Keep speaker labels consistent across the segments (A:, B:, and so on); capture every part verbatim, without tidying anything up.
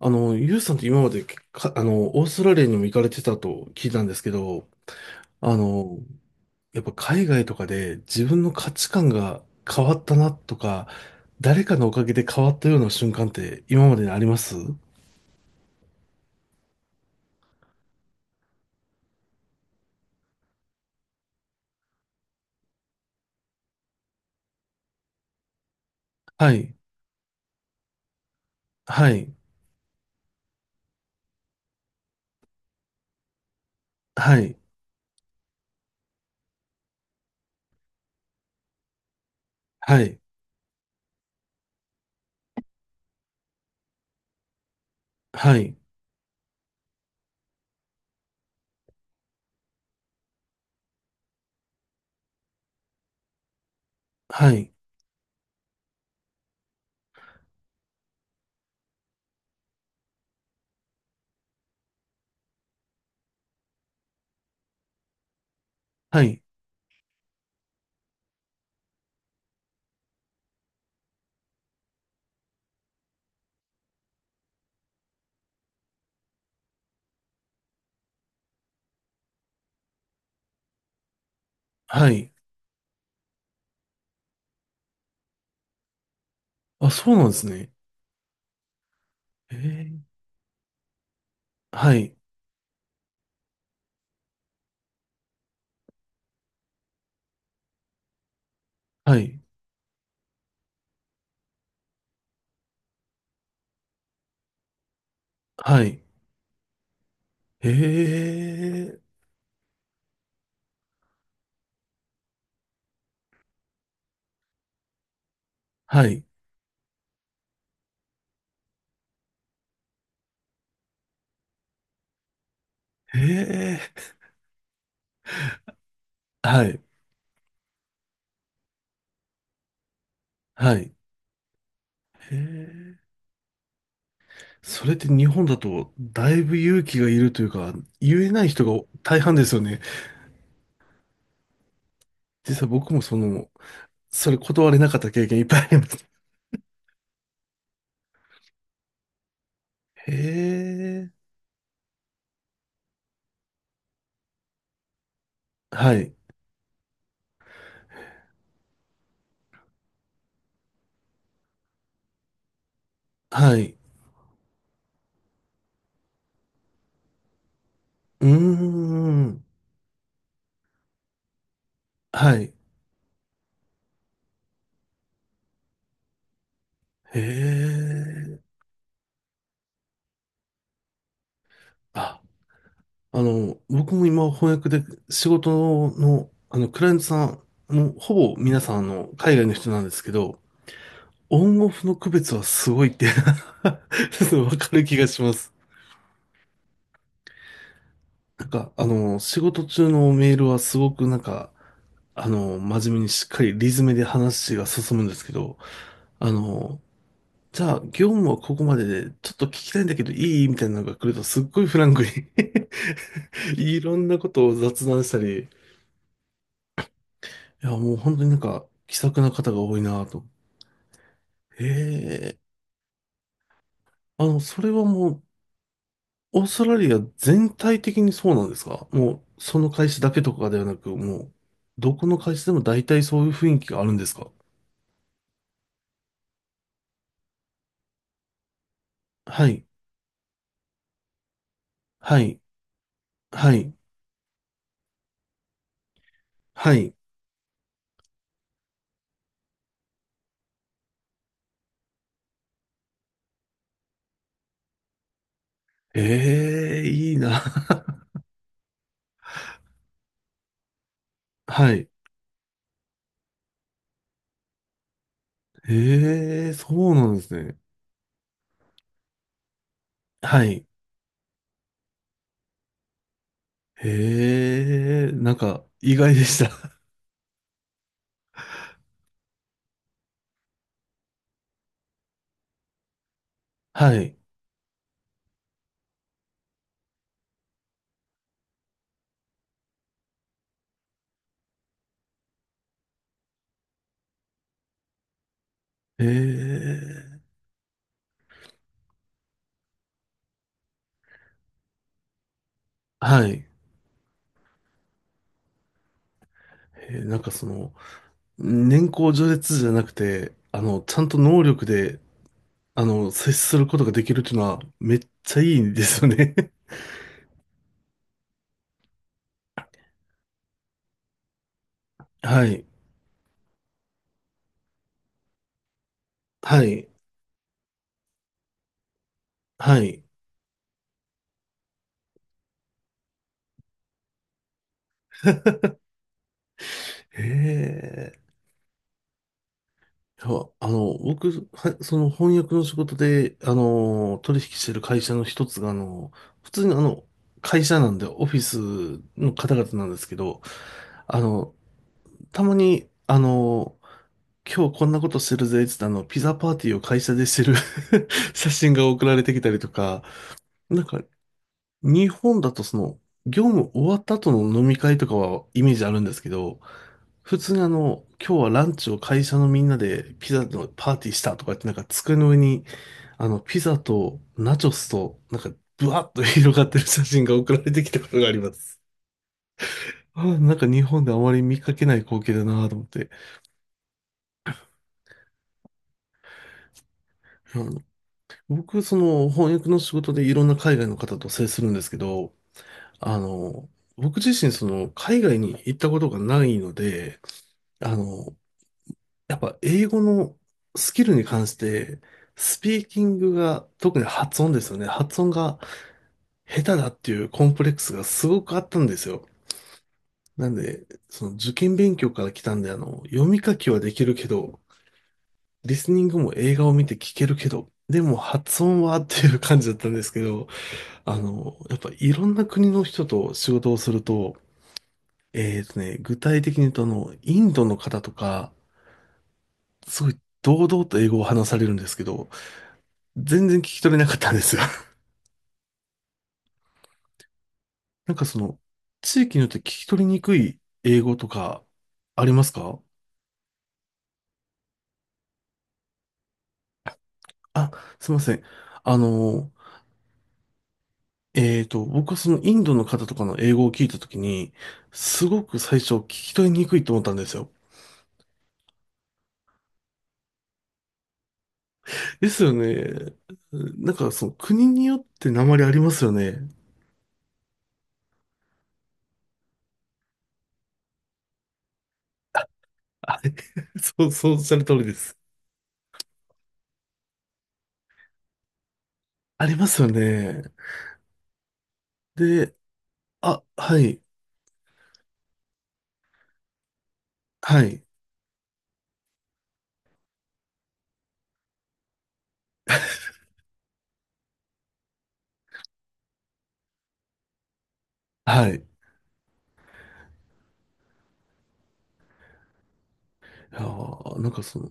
A: あの、ユウさんって今までか、あの、オーストラリアにも行かれてたと聞いたんですけど、あの、やっぱ海外とかで自分の価値観が変わったなとか、誰かのおかげで変わったような瞬間って今までにあります？はい、はい、はい、はい、はい、はい、はい、はい。あ、そうなんですね。えー、はい、はい、はい、えー、はい、えー、はい、はい、えー、それって日本だとだいぶ勇気がいるというか、言えない人が大半ですよね。実は僕もその、それ断れなかった経験いっぱいあります。へえ。はい。はい。うーん。はい。へえ。あ、あの、僕も今翻訳で仕事の、あの、クライアントさんもうほぼ皆さんあの、海外の人なんですけど、オンオフの区別はすごいって わかる気がします。なんか、あの、仕事中のメールはすごくなんか、あの、真面目にしっかりリズムで話が進むんですけど、あの、じゃあ、業務はここまでで、ちょっと聞きたいんだけどいいみたいなのが来ると、すっごいフランクに いろんなことを雑談したり、いや、もう本当になんか、気さくな方が多いなと。へえ、あの、それはもう、オーストラリア全体的にそうなんですか？もう、その会社だけとかではなく、もう、どこの会社でも大体そういう雰囲気があるんですか？はい、はい、はい、はい。ええ、いいな。はい。ええ、そうなんですね。はい。ええ、なんか、意外でした。はい。ええ、はい。えーなんかその、年功序列じゃなくて、あの、ちゃんと能力で、あの、接することができるっていうのは、めっちゃいいんですよね。はい。はい。はい。ええ。いや、あの、僕、は、その翻訳の仕事で、あの、取引してる会社の一つが、あの、普通にあの、会社なんで、オフィスの方々なんですけど、あの、たまに、あの、今日こんなことしてるぜ、つってあの、ピザパーティーを会社でしてる 写真が送られてきたりとか、なんか、日本だとその、業務終わった後の飲み会とかはイメージあるんですけど、普通にあの、今日はランチを会社のみんなでピザのパーティーしたとかってなんか机の上に、あの、ピザとナチョスと、なんかブワッと広がってる写真が送られてきたことがあります。あーなんか日本であまり見かけない光景だなと思って。うん、僕、その翻訳の仕事でいろんな海外の方と接するんですけど、あの、僕自身、その、海外に行ったことがないので、あの、やっぱ英語のスキルに関して、スピーキングが、特に発音ですよね。発音が下手だっていうコンプレックスがすごくあったんですよ。なんで、その受験勉強から来たんで、あの、読み書きはできるけど、リスニングも映画を見て聞けるけど、でも発音はっていう感じだったんですけど、あの、やっぱいろんな国の人と仕事をすると、えーとね、具体的に言うと、あの、インドの方とか、すごい堂々と英語を話されるんですけど、全然聞き取れなかったんですよ。なんかその、地域によって聞き取りにくい英語とか、ありますか？あ、すいません。あの、えっと、僕はそのインドの方とかの英語を聞いたときに、すごく最初聞き取りにくいと思ったんですよ。ですよね。なんかその国によって訛りありますよね。あれ そう、そうおっしゃる通りです。ありますよね。で、あ、はい、はい、はい。あー、なんかその、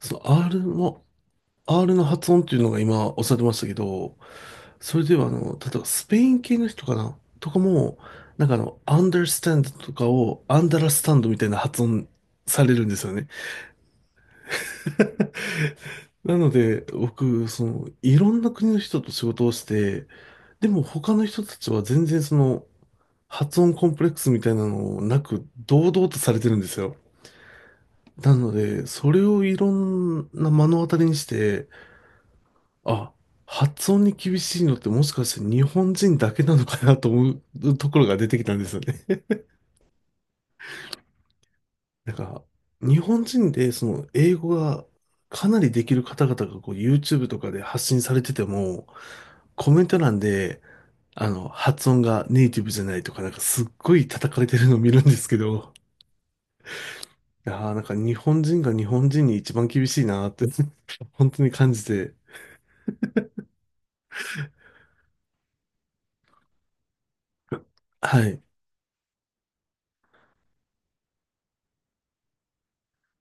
A: その R の、R の発音っていうのが今おっしゃってましたけど、それではあの、例えばスペイン系の人かなとかも、なんかあの、understand とかを understand みたいな発音されるんですよね。なので、僕、その、いろんな国の人と仕事をして、でも他の人たちは全然その、発音コンプレックスみたいなのなく、堂々とされてるんですよ。なので、それをいろんな目の当たりにして、あ、発音に厳しいのってもしかして日本人だけなのかなと思うところが出てきたんですよね。なんか、日本人でその英語がかなりできる方々がこう ユーチューブ とかで発信されてても、コメント欄で、あの、発音がネイティブじゃないとか、なんかすっごい叩かれてるのを見るんですけど、いやーなんか日本人が日本人に一番厳しいなーって 本当に感じて、はい、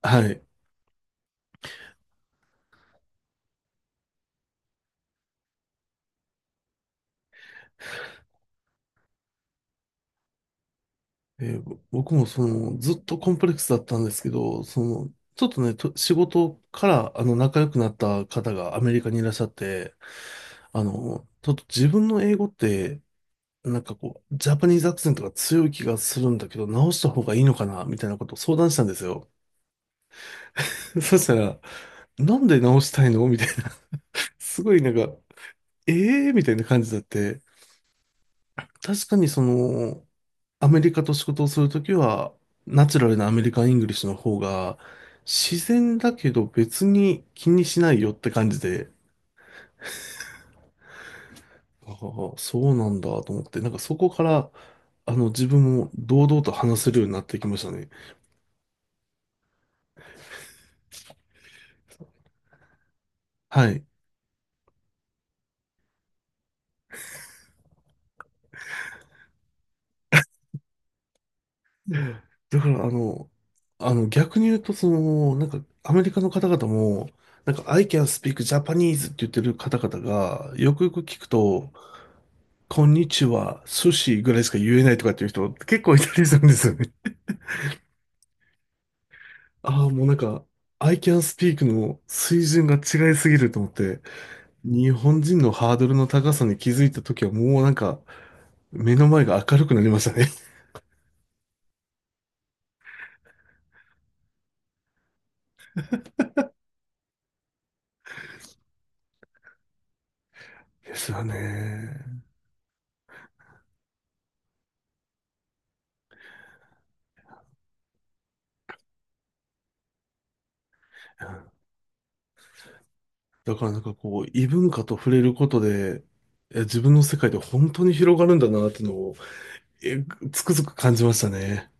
A: はい。えーぼ僕もその、ずっとコンプレックスだったんですけど、その、ちょっとね、と仕事からあの仲良くなった方がアメリカにいらっしゃって、あの、ちょっと自分の英語って、なんかこう、ジャパニーズアクセントが強い気がするんだけど、直した方がいいのかなみたいなことを相談したんですよ。そしたら、なんで直したいのみたいな、すごいなんか、ええー、みたいな感じだって、確かにその、アメリカと仕事をするときは、ナチュラルなアメリカン・イングリッシュの方が、自然だけど別に気にしないよって感じで、ああ、そうなんだと思って、なんかそこから、あの、自分も堂々と話せるようになってきましたね。はい。だから、あの、あの、逆に言うと、その、なんか、アメリカの方々も、なんか、I can speak Japanese って言ってる方々が、よくよく聞くと、こんにちは、寿司ぐらいしか言えないとかっていう人結構いたりするんですよね。ああ、もうなんか、I can speak の水準が違いすぎると思って、日本人のハードルの高さに気づいた時はもうなんか、目の前が明るくなりましたね。ですよね。だからなんかこう、異文化と触れることで、え自分の世界で本当に広がるんだなっていうのを、え、つくづく感じましたね。